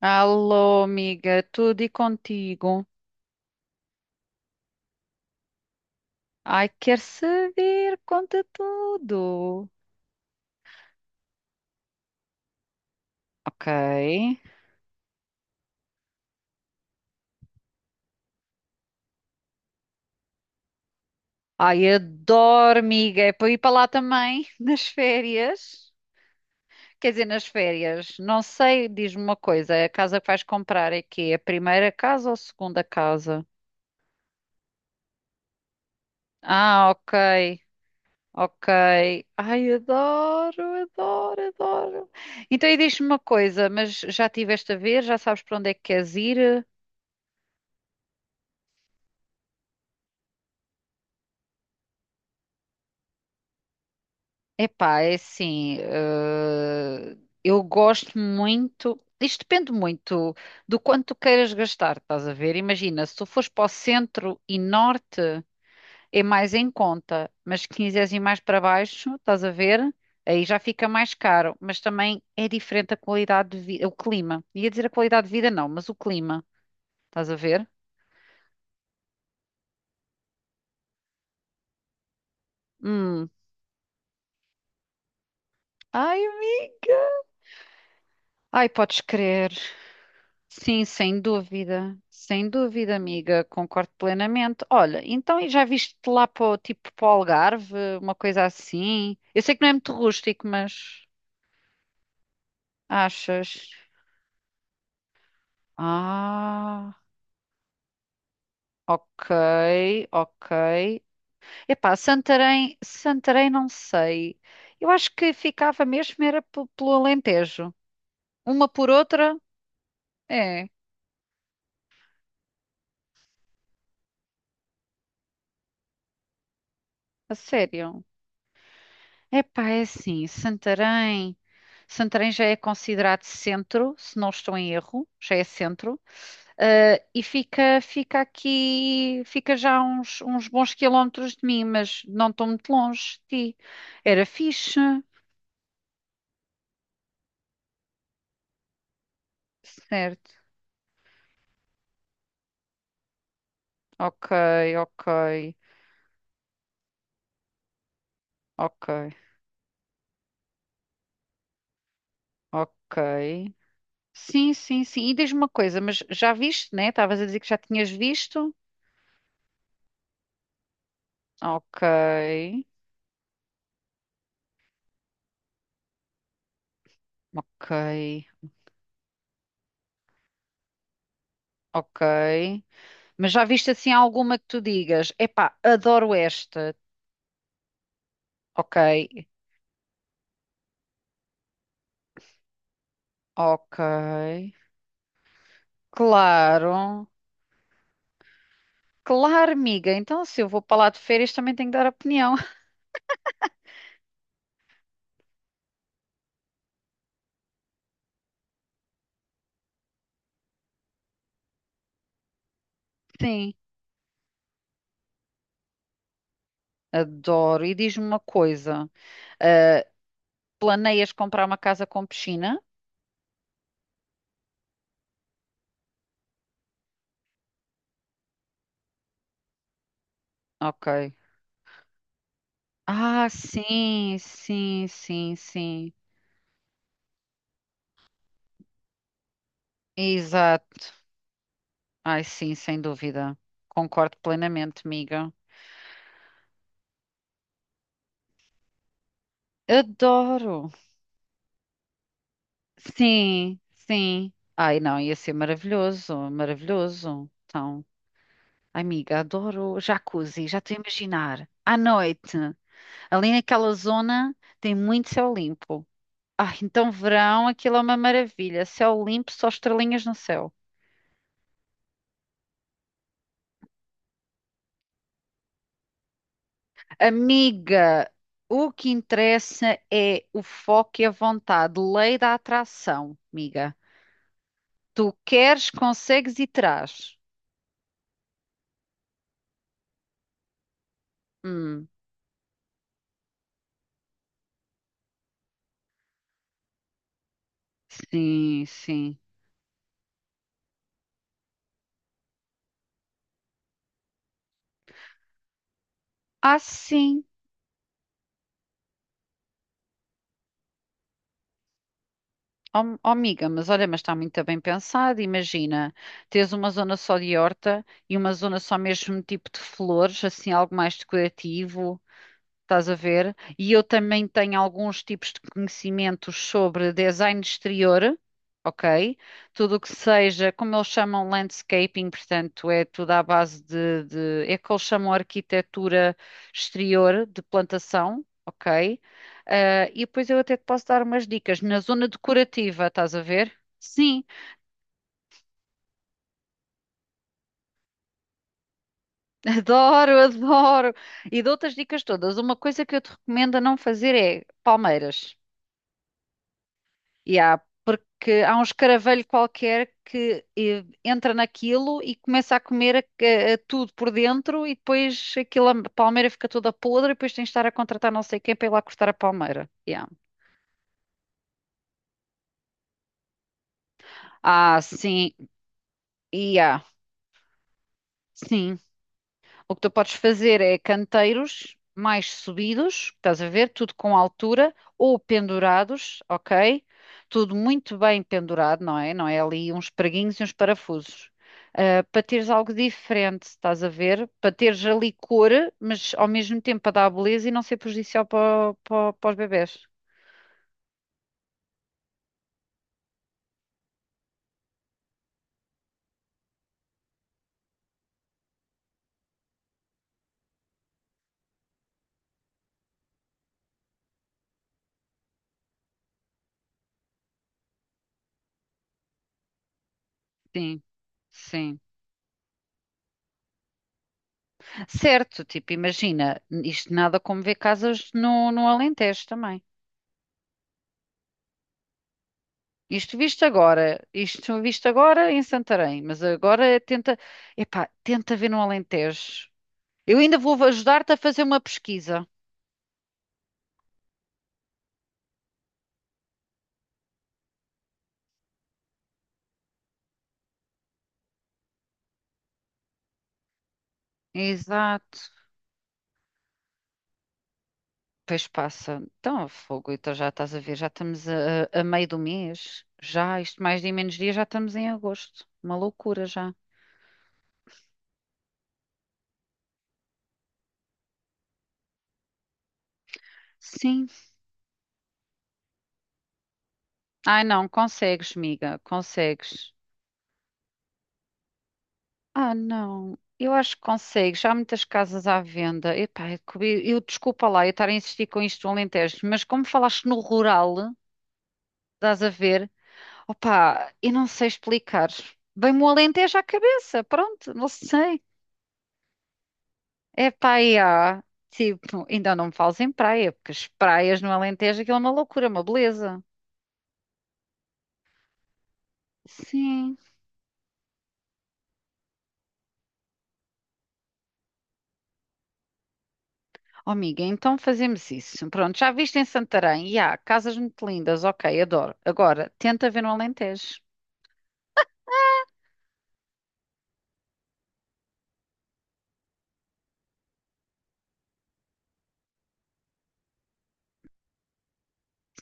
Alô, amiga, tudo e contigo? Ai, quer saber? Conta tudo. Ok. Ai, adoro, amiga. É para ir para lá também, nas férias. Quer dizer, nas férias. Não sei, diz-me uma coisa. A casa que vais comprar é quê? A primeira casa ou a segunda casa? Ah, ok. Ok. Ai, adoro, adoro, adoro. Então, e diz-me uma coisa, mas já estiveste a ver? Já sabes para onde é que queres ir? Epá, é assim, eu gosto muito, isto depende muito do quanto tu queiras gastar, estás a ver? Imagina, se tu fores para o centro e norte, é mais em conta, mas se quiseres ir mais para baixo, estás a ver? Aí já fica mais caro, mas também é diferente a qualidade de vida, o clima. Ia dizer a qualidade de vida, não, mas o clima, estás a ver? Hum. Ai, amiga. Ai, podes crer. Sim, sem dúvida, sem dúvida, amiga, concordo plenamente. Olha, então e já viste lá para o tipo para o Algarve, uma coisa assim? Eu sei que não é muito rústico, mas achas? Ah, ok, ok. Epá, Santarém, Santarém não sei. Eu acho que ficava mesmo era pelo Alentejo. Uma por outra? É, a sério. Epá, é assim, Santarém. Santarém já é considerado centro, se não estou em erro, já é centro. E fica, fica aqui, fica já uns, uns bons quilómetros de mim, mas não estou muito longe de ti. Era fixe, certo? Ok, ok, ok, ok. Sim, sim, sim. E diz-me uma coisa, mas já viste, né? Estavas a dizer que já tinhas visto? Ok, ok, ok. Mas já viste assim alguma que tu digas, epá, adoro esta. Ok, ok. Claro. Claro, amiga. Então, se eu vou para lá de férias, também tenho que dar opinião. Sim, adoro. E diz-me uma coisa. Ah, planeias comprar uma casa com piscina? Ok. Ah, sim, sim, sim, sim. Exato. Ai, sim, sem dúvida. Concordo plenamente, amiga. Adoro. Sim, sim. Ai, não, ia ser maravilhoso, maravilhoso. Então, amiga, adoro jacuzzi, já estou a imaginar. À noite, ali naquela zona tem muito céu limpo. Ah, então verão, aquilo é uma maravilha. Céu limpo, só estrelinhas no céu. Amiga, o que interessa é o foco e a vontade. Lei da atração, amiga. Tu queres, consegues e terás. Hum, sim, sim. Ah, sim. Ó, oh, amiga, mas olha, mas está muito bem pensado. Imagina, tens uma zona só de horta e uma zona só mesmo tipo de flores, assim, algo mais decorativo. Estás a ver? E eu também tenho alguns tipos de conhecimentos sobre design de exterior, ok? Tudo o que seja, como eles chamam landscaping, portanto, é tudo à base é que eles chamam arquitetura exterior de plantação, ok? Ah, e depois eu até te posso dar umas dicas na zona decorativa, estás a ver? Sim, adoro, adoro. E dou outras dicas todas. Uma coisa que eu te recomendo a não fazer é palmeiras. Yeah, porque há um escaravelho qualquer que entra naquilo e começa a comer a tudo por dentro e depois aquilo, a palmeira fica toda podre e depois tens de estar a contratar não sei quem para ir lá cortar a palmeira. Yeah. Ah, sim. Yeah. Sim. O que tu podes fazer é canteiros mais subidos, estás a ver? Tudo com altura ou pendurados, ok? Tudo muito bem pendurado, não é? Não é ali uns preguinhos e uns parafusos. Ah, para teres algo diferente, estás a ver? Para teres ali cor, mas ao mesmo tempo para dar beleza e não ser prejudicial para os bebés. Sim, sim. Certo, tipo, imagina, isto nada como ver casas no Alentejo também. Isto visto agora em Santarém, mas agora tenta, epá, tenta ver no Alentejo. Eu ainda vou ajudar-te a fazer uma pesquisa. Exato. Pois passa. Então, fogo, então já estás a ver, já estamos a meio do mês. Já, isto mais de menos dia, já estamos em agosto. Uma loucura já. Sim. Ai não, consegues, miga, consegues. Ah, não. Eu acho que consegue. Já há muitas casas à venda. Epá, desculpa lá eu estar a insistir com isto no Alentejo, mas como falaste no rural, estás a ver? Opá, eu não sei explicar. Vem-me o Alentejo à cabeça. Pronto, não sei. É praia. Tipo, ainda não me fales em praia, porque as praias no Alentejo aquilo é uma loucura, uma beleza. Sim. Oh, amiga, então fazemos isso. Pronto, já viste em Santarém? E há casas muito lindas, ok, adoro. Agora, tenta ver no Alentejo.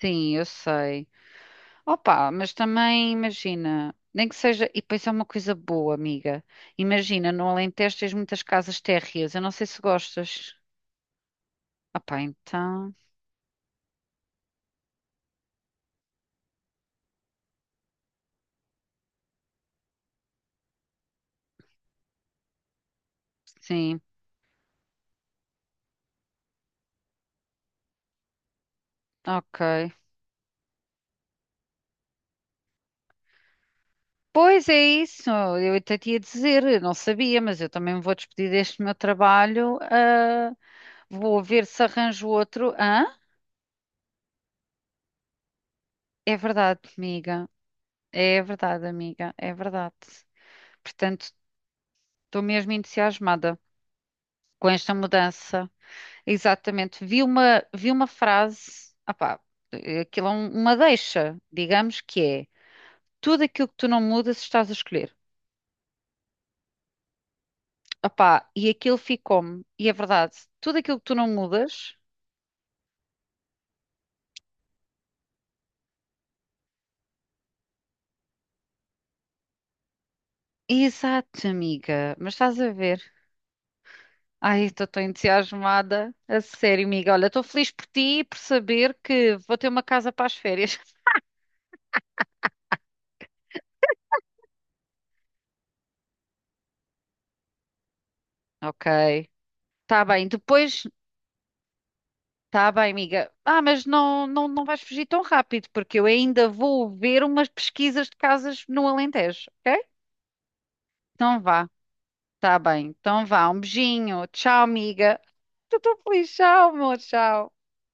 Sim, eu sei. Opa, mas também imagina, nem que seja, e depois é uma coisa boa, amiga. Imagina, no Alentejo tens muitas casas térreas, eu não sei se gostas. Opa, então, sim, ok. Pois é isso, eu até te ia dizer, eu não sabia, mas eu também me vou despedir deste meu trabalho. Ah, vou ver se arranjo outro. Hã? É verdade, amiga. É verdade, amiga. É verdade. Portanto, estou mesmo entusiasmada com esta mudança. Exatamente. Vi uma frase, opá, aquilo é uma deixa, digamos que é tudo aquilo que tu não mudas estás a escolher. Opá, e aquilo ficou-me, e é verdade, tudo aquilo que tu não mudas, exato, amiga, mas estás a ver. Ai, estou tão entusiasmada. A sério, amiga. Olha, estou feliz por ti e por saber que vou ter uma casa para as férias. Ok, está bem. Depois tá bem, amiga. Ah, mas não, não, não vais fugir tão rápido, porque eu ainda vou ver umas pesquisas de casas no Alentejo, ok? Então vá, tá bem. Então vá, um beijinho. Tchau, amiga. Estou tão feliz. Tchau, amor. Tchau.